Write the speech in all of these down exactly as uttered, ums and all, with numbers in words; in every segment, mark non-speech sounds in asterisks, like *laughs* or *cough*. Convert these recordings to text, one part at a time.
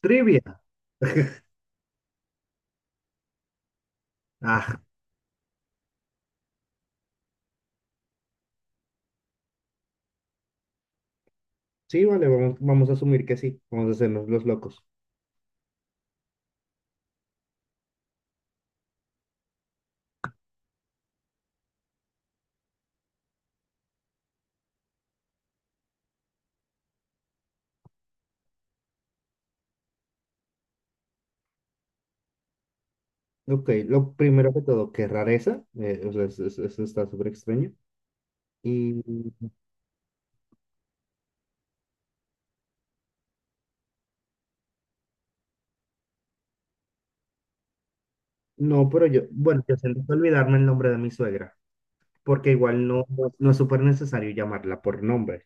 Trivia. Ah, sí, vale, vamos, vamos a asumir que sí. Vamos a hacernos los locos. Ok, lo primero que todo, qué rareza. Eh, o sea, es- es- eso está súper extraño. Y no, pero yo, bueno, yo siento que olvidarme el nombre de mi suegra, porque igual no, no, no es súper necesario llamarla por nombre.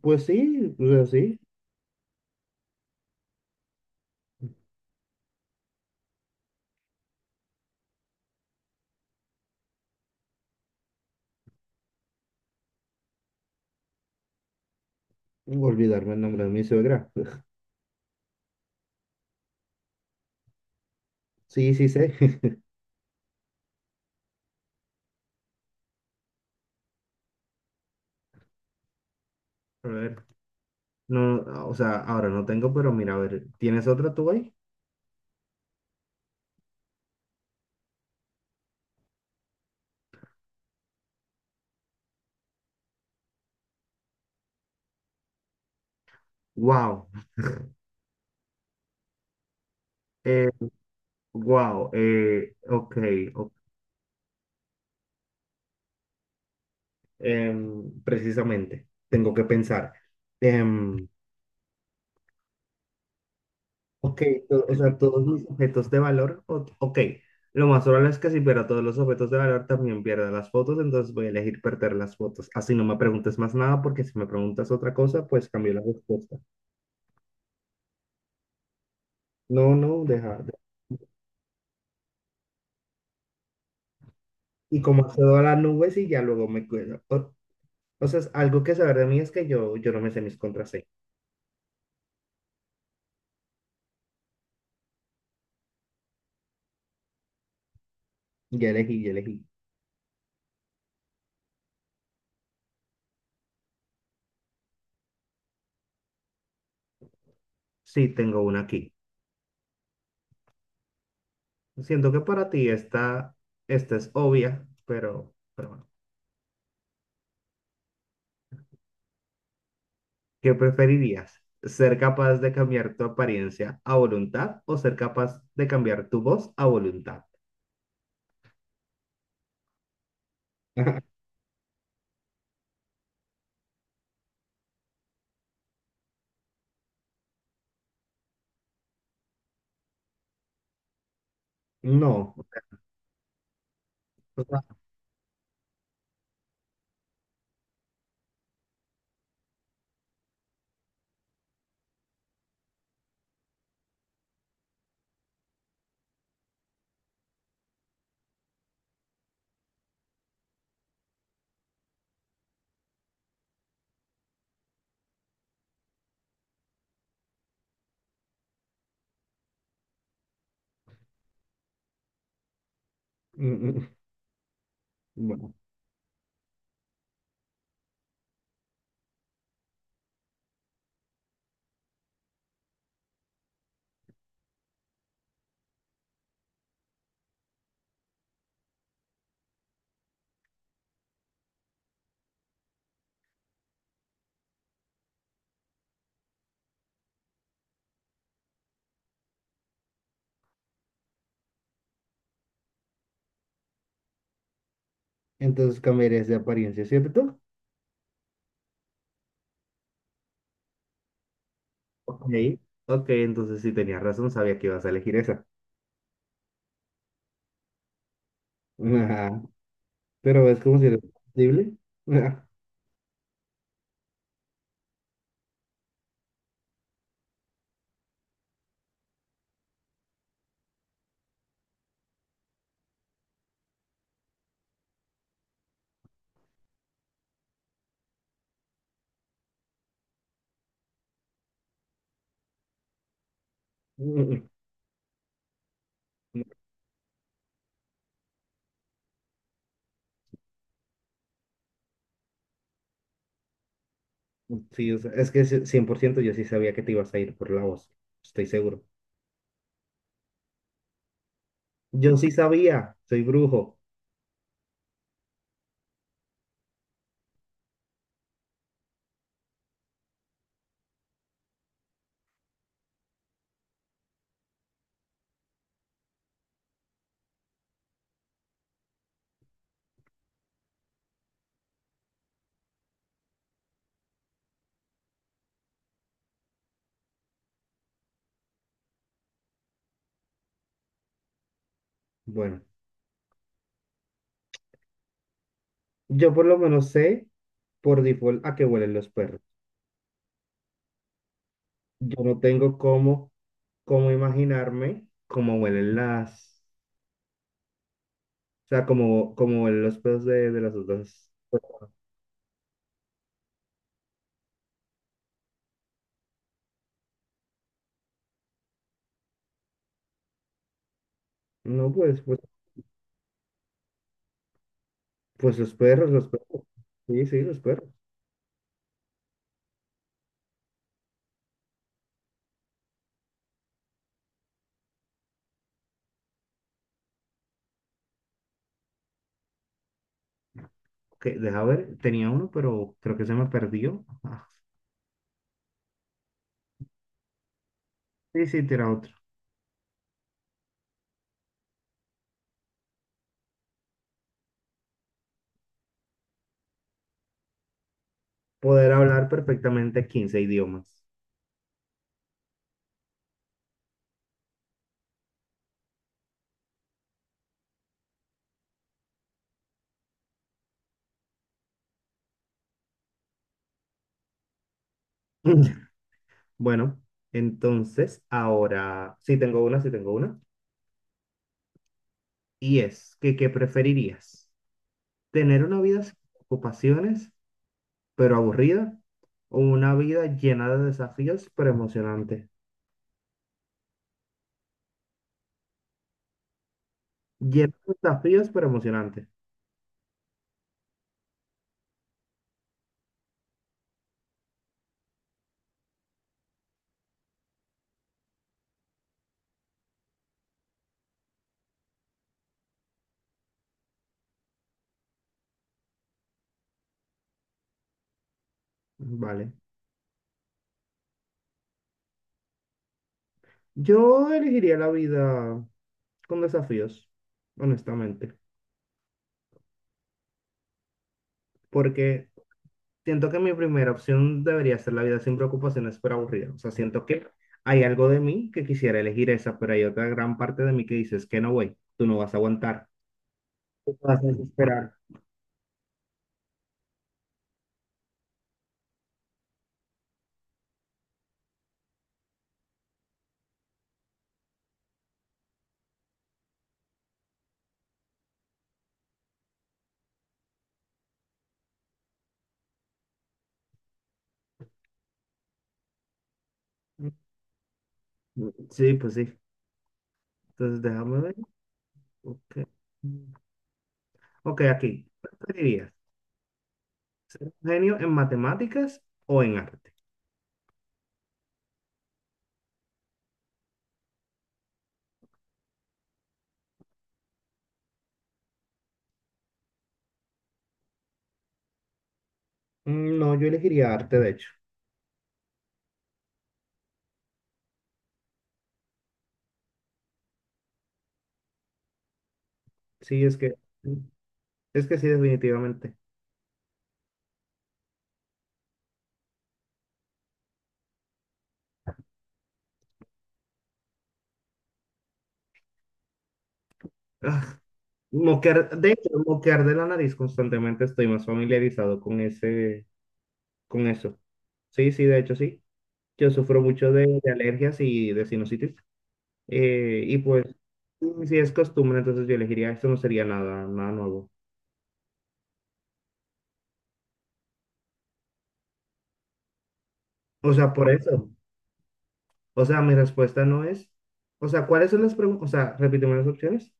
Pues sí, o sea, sí, olvidarme el nombre de mi suegra. *laughs* Sí, sí sé. *laughs* A ver, no, o sea, ahora no tengo, pero mira, a ver, ¿tienes otra tú ahí? Wow, eh, wow, eh, ok, ok. Em, precisamente, tengo que pensar. Em, ok, to- o sea, todos mis objetos de valor, o- ok. Lo más probable es que si pierdo todos los objetos de valor también pierda las fotos, entonces voy a elegir perder las fotos. Así no me preguntes más nada, porque si me preguntas otra cosa, pues cambio la respuesta. No, no, deja. de- Y como accedo a las nubes y ya luego me cuido. O, o sea, es algo que saber de mí es que yo, yo no me sé mis contraseñas. Ya elegí, ya elegí. Sí, tengo una aquí. Siento que para ti esta, esta es obvia, pero, pero bueno. ¿Qué preferirías? ¿Ser capaz de cambiar tu apariencia a voluntad o ser capaz de cambiar tu voz a voluntad? *laughs* No, o sea, o sea, mm, mm, bueno, entonces cambiarías de apariencia, ¿cierto? Ok, ok, entonces sí tenías razón, sabía que ibas a elegir esa. Ajá, pero es como si era posible. Ajá, mm, mm, *laughs* sí, o sea, es que sí, cien por ciento yo sí sabía que te ibas a ir por la voz, estoy seguro. Yo sí sabía, soy brujo. Bueno, yo por lo menos sé por default a qué huelen los perros. Yo no tengo cómo, cómo imaginarme cómo huelen las, o sea, cómo, cómo huelen los perros de, de las otras. No, pues, pues, pues los perros, los perros. Sí, sí, los perros. Que, deja ver, tenía uno, pero creo que se me perdió. Ah, sí, sí, tira otro. Poder hablar perfectamente quince idiomas. *laughs* Bueno, entonces, ahora, sí tengo una, sí tengo una. Y es que, ¿qué preferirías? ¿Tener una vida sin ocupaciones, pero aburrida? ¿O una vida llena de desafíos, pero emocionante? Llena de desafíos, pero emocionante. Vale. Yo elegiría la vida con desafíos, honestamente, porque siento que mi primera opción debería ser la vida sin preocupaciones, pero aburrida. O sea, siento que hay algo de mí que quisiera elegir esa, pero hay otra gran parte de mí que dices que no, güey, tú no vas a aguantar, tú te vas a desesperar. Sí, pues sí. Entonces déjame ver. Ok, ok, aquí. ¿Qué preferirías? ¿Ser un genio en matemáticas o en arte? Mm, no, yo elegiría arte, de hecho. Sí, es que, es que sí, definitivamente. Ah, moquear, de hecho, moquear de la nariz constantemente estoy más familiarizado con ese, con eso. Sí, sí, de hecho, sí. Yo sufro mucho de, de alergias y de sinusitis. Eh, y pues, si es costumbre, entonces yo elegiría esto, no sería nada, nada nuevo. O sea, por eso. O sea, mi respuesta no es. O sea, ¿cuáles son las preguntas? O sea, repíteme las opciones.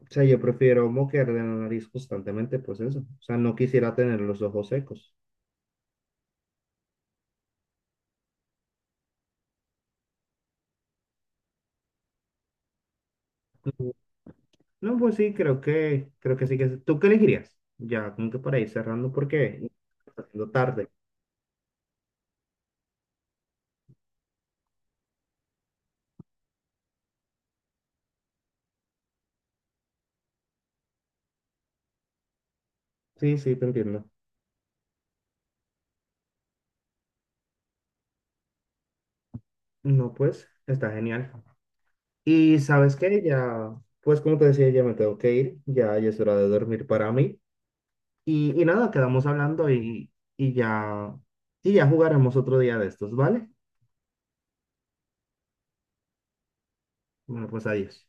O sea, yo prefiero moquear de la nariz constantemente, pues eso. O sea, no quisiera tener los ojos secos. Mm. No, pues sí, creo que, creo que sí que. ¿Tú qué elegirías? Ya, como que para ir cerrando, porque ya está haciendo tarde. Sí, sí, te entiendo. No, pues, está genial. Y sabes qué, ya, pues como te decía, ya me tengo que ir. Ya, ya es hora de dormir para mí. Y, y nada, quedamos hablando y, y ya, y ya jugaremos otro día de estos, ¿vale? Bueno, pues adiós.